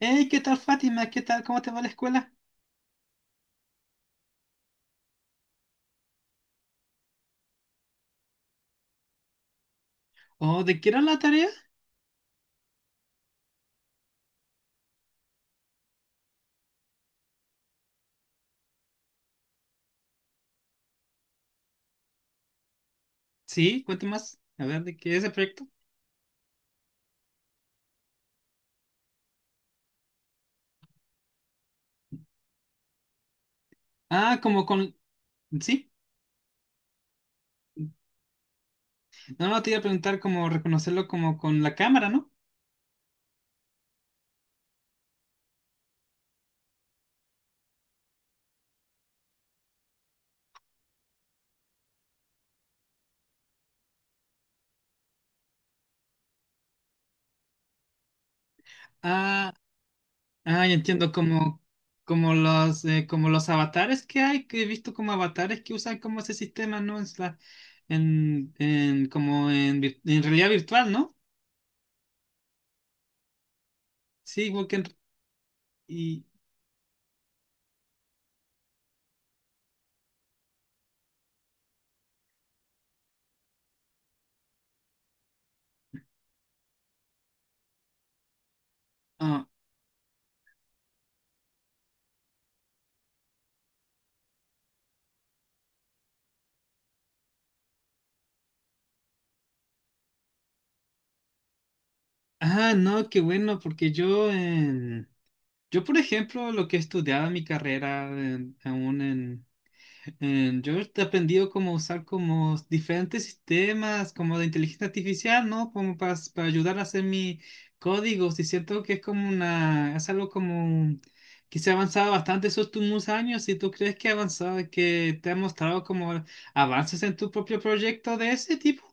Hey, ¿qué tal, Fátima? ¿Qué tal? ¿Cómo te va la escuela? ¿O de qué era la tarea? Sí, cuéntame más. A ver, ¿de qué es el proyecto? Ah, como con... Sí. No, no, te iba a preguntar cómo reconocerlo como con la cámara, ¿no? Ah, ah, ya entiendo, como, como los avatares que hay, que he visto como avatares que usan como ese sistema, ¿no? En como en, en realidad virtual, ¿no? Sí, igual que en- y, ah, ah, no, qué bueno, porque yo, por ejemplo, lo que he estudiado en mi carrera, yo he aprendido cómo usar como diferentes sistemas, como de inteligencia artificial, ¿no? Como para ayudar a hacer mis códigos. Y siento que es como es algo como que se ha avanzado bastante esos últimos años. ¿Y tú crees que ha avanzado, que te ha mostrado como avances en tu propio proyecto de ese tipo?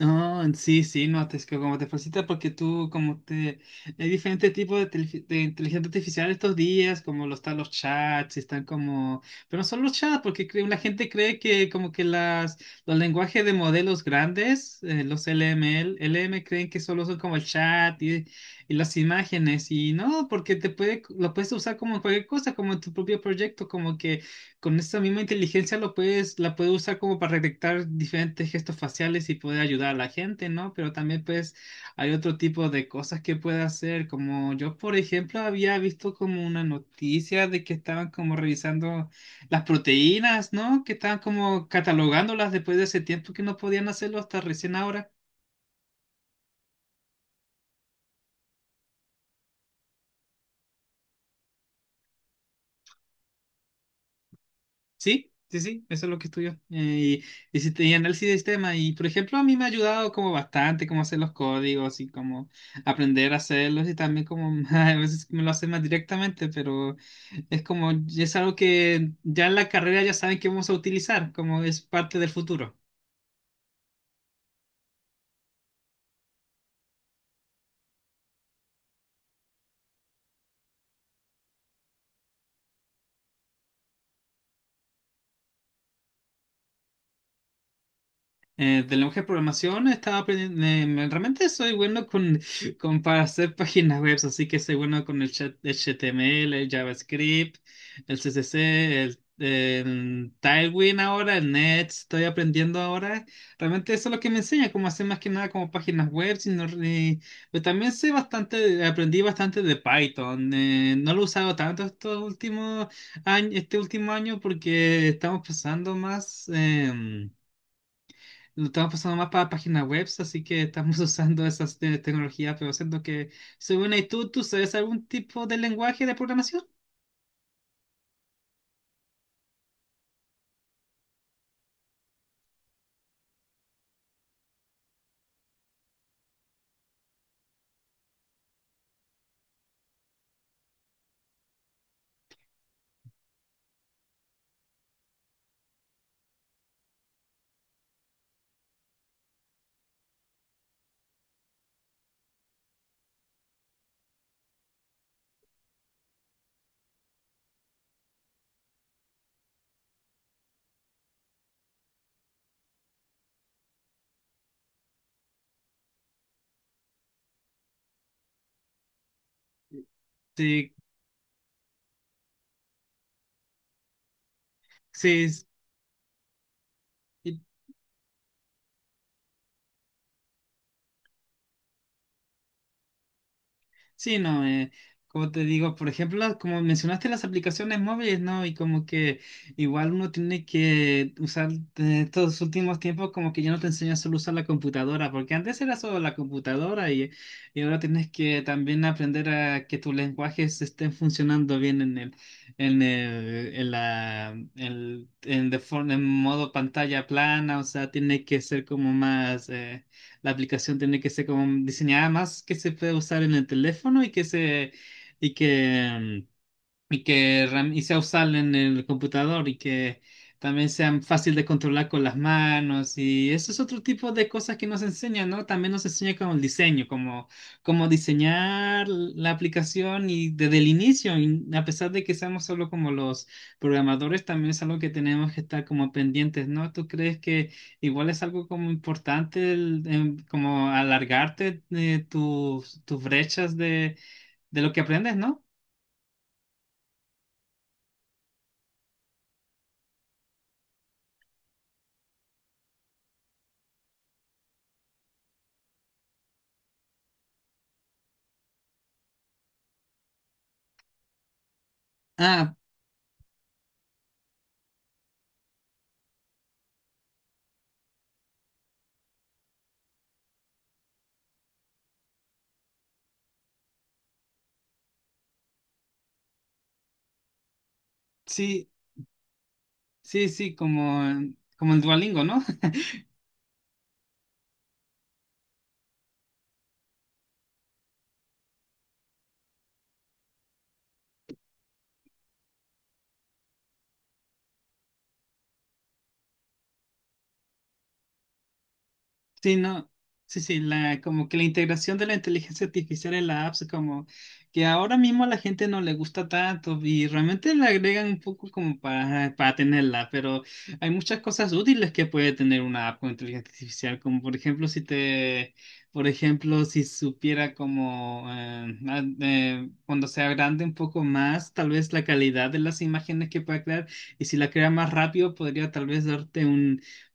Ah, sí, sí, no, te, es que como te facilita porque tú, como te, hay diferentes tipos de, de inteligencia artificial estos días, como lo están los chats, están como, pero no son los chats, porque la gente cree que como que los lenguajes de modelos grandes, los LML, LM creen que solo son como el chat y las imágenes, y no, porque te puede, lo puedes usar como en cualquier cosa, como en tu propio proyecto, como que con esa misma inteligencia lo puedes, la puedes usar como para detectar diferentes gestos faciales y poder ayudar a la gente, ¿no? Pero también pues hay otro tipo de cosas que puede hacer, como yo por ejemplo había visto como una noticia de que estaban como revisando las proteínas, ¿no? Que estaban como catalogándolas después de ese tiempo que no podían hacerlo hasta recién ahora. Sí, sí, sí, eso es lo que estudió. Y si tenía análisis de sistema, y por ejemplo, a mí me ha ayudado como bastante cómo hacer los códigos y cómo aprender a hacerlos y también como a veces me lo hacen más directamente, pero es como, es algo que ya en la carrera ya saben que vamos a utilizar, como es parte del futuro. De lenguaje de programación estaba aprendiendo, realmente soy bueno con para hacer páginas web, así que soy bueno con el HTML, el JavaScript, el CSS, el Tailwind ahora, el Next, estoy aprendiendo ahora. Realmente eso es lo que me enseña, cómo hacer más que nada como páginas web, sino, pero también sé bastante, aprendí bastante de Python. No lo he usado tanto estos últimos años, este último año porque estamos pasando más... lo estamos pasando más para páginas web, así que estamos usando esas tecnologías, pero siento que, según ahí tú, ¿tú sabes algún tipo de lenguaje de programación? Sí, sí. Sí, no, como te digo, por ejemplo, como mencionaste las aplicaciones móviles, ¿no? Y como que igual uno tiene que usar de estos últimos tiempos como que ya no te enseñan solo a usar la computadora, porque antes era solo la computadora y ahora tienes que también aprender a que tus lenguajes estén funcionando bien en el, en el, en la, en, en modo pantalla plana, o sea, tiene que ser como más... la aplicación tiene que ser como diseñada más que se puede usar en el teléfono y que se, y que, mm, y que ram- y sea usable en el computador y que también sea fácil de controlar con las manos y eso es otro tipo de cosas que nos enseñan, ¿no? También nos enseña con el diseño, como cómo diseñar la aplicación y desde el inicio, y a pesar de que seamos solo como los programadores, también es algo que tenemos que estar como pendientes, ¿no? ¿Tú crees que igual es algo como importante como alargarte tus, tus brechas de lo que aprendes, ¿no? Ah, sí, sí, sí, como, como el Duolingo, ¿no? Sí, no, sí, sí, la, como que la integración de la inteligencia artificial en la apps, como que ahora mismo a la gente no le gusta tanto y realmente le agregan un poco como para tenerla, pero hay muchas cosas útiles que puede tener una app con inteligencia artificial, como por ejemplo si te, por ejemplo, si supiera como cuando se agrande un poco más, tal vez la calidad de las imágenes que pueda crear y si la crea más rápido podría tal vez darte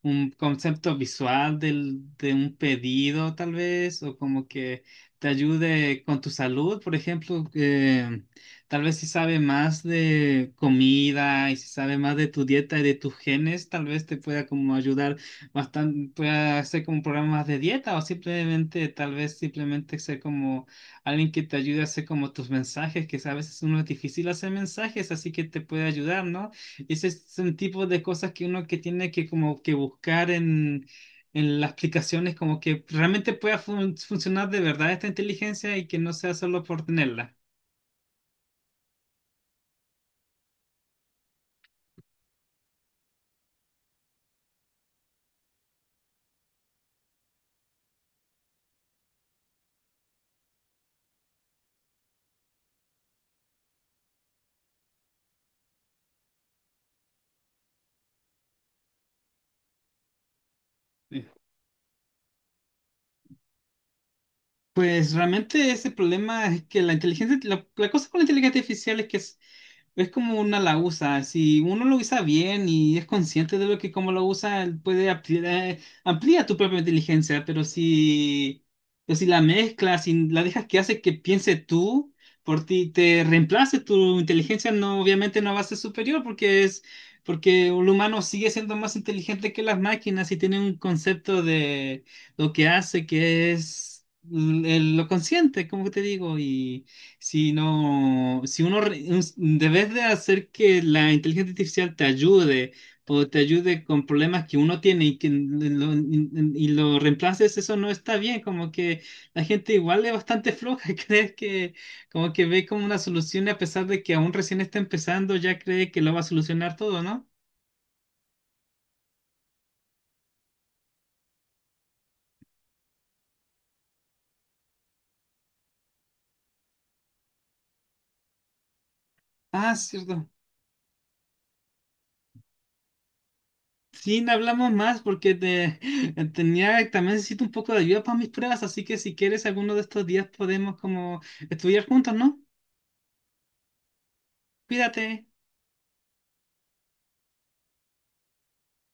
un concepto visual del, de un pedido, tal vez, o como que te ayude con tu salud, por ejemplo, que tal vez si sabe más de comida y si sabe más de tu dieta y de tus genes, tal vez te pueda como ayudar bastante, pueda hacer como programas de dieta o simplemente, tal vez simplemente ser como alguien que te ayude a hacer como tus mensajes, que a veces uno es difícil hacer mensajes, así que te puede ayudar, ¿no? Ese es un tipo de cosas que uno que tiene que como que buscar en las aplicaciones, como que realmente pueda funcionar de verdad esta inteligencia y que no sea solo por tenerla. Eh, Pues realmente ese problema es que la inteligencia, la cosa con la inteligencia artificial es que es como una la usa, si uno lo usa bien y es consciente de lo que como lo usa, él puede ampliar, amplía tu propia inteligencia, pero si la mezclas, si la dejas que hace que piense tú por ti, te reemplace tu inteligencia, no, obviamente no va a ser superior porque es, porque el humano sigue siendo más inteligente que las máquinas y tiene un concepto de lo que hace que es lo consciente, como te digo, y si no, si uno re- un- debes de hacer que la inteligencia artificial te ayude o te ayude con problemas que uno tiene y que lo reemplaces, eso no está bien. Como que la gente igual es bastante floja, crees que como que ve como una solución y a pesar de que aún recién está empezando, ya cree que lo va a solucionar todo, ¿no? Ah, cierto. Sí, no hablamos más porque te, tenía, también necesito un poco de ayuda para mis pruebas, así que si quieres alguno de estos días podemos como estudiar juntos, ¿no? Cuídate.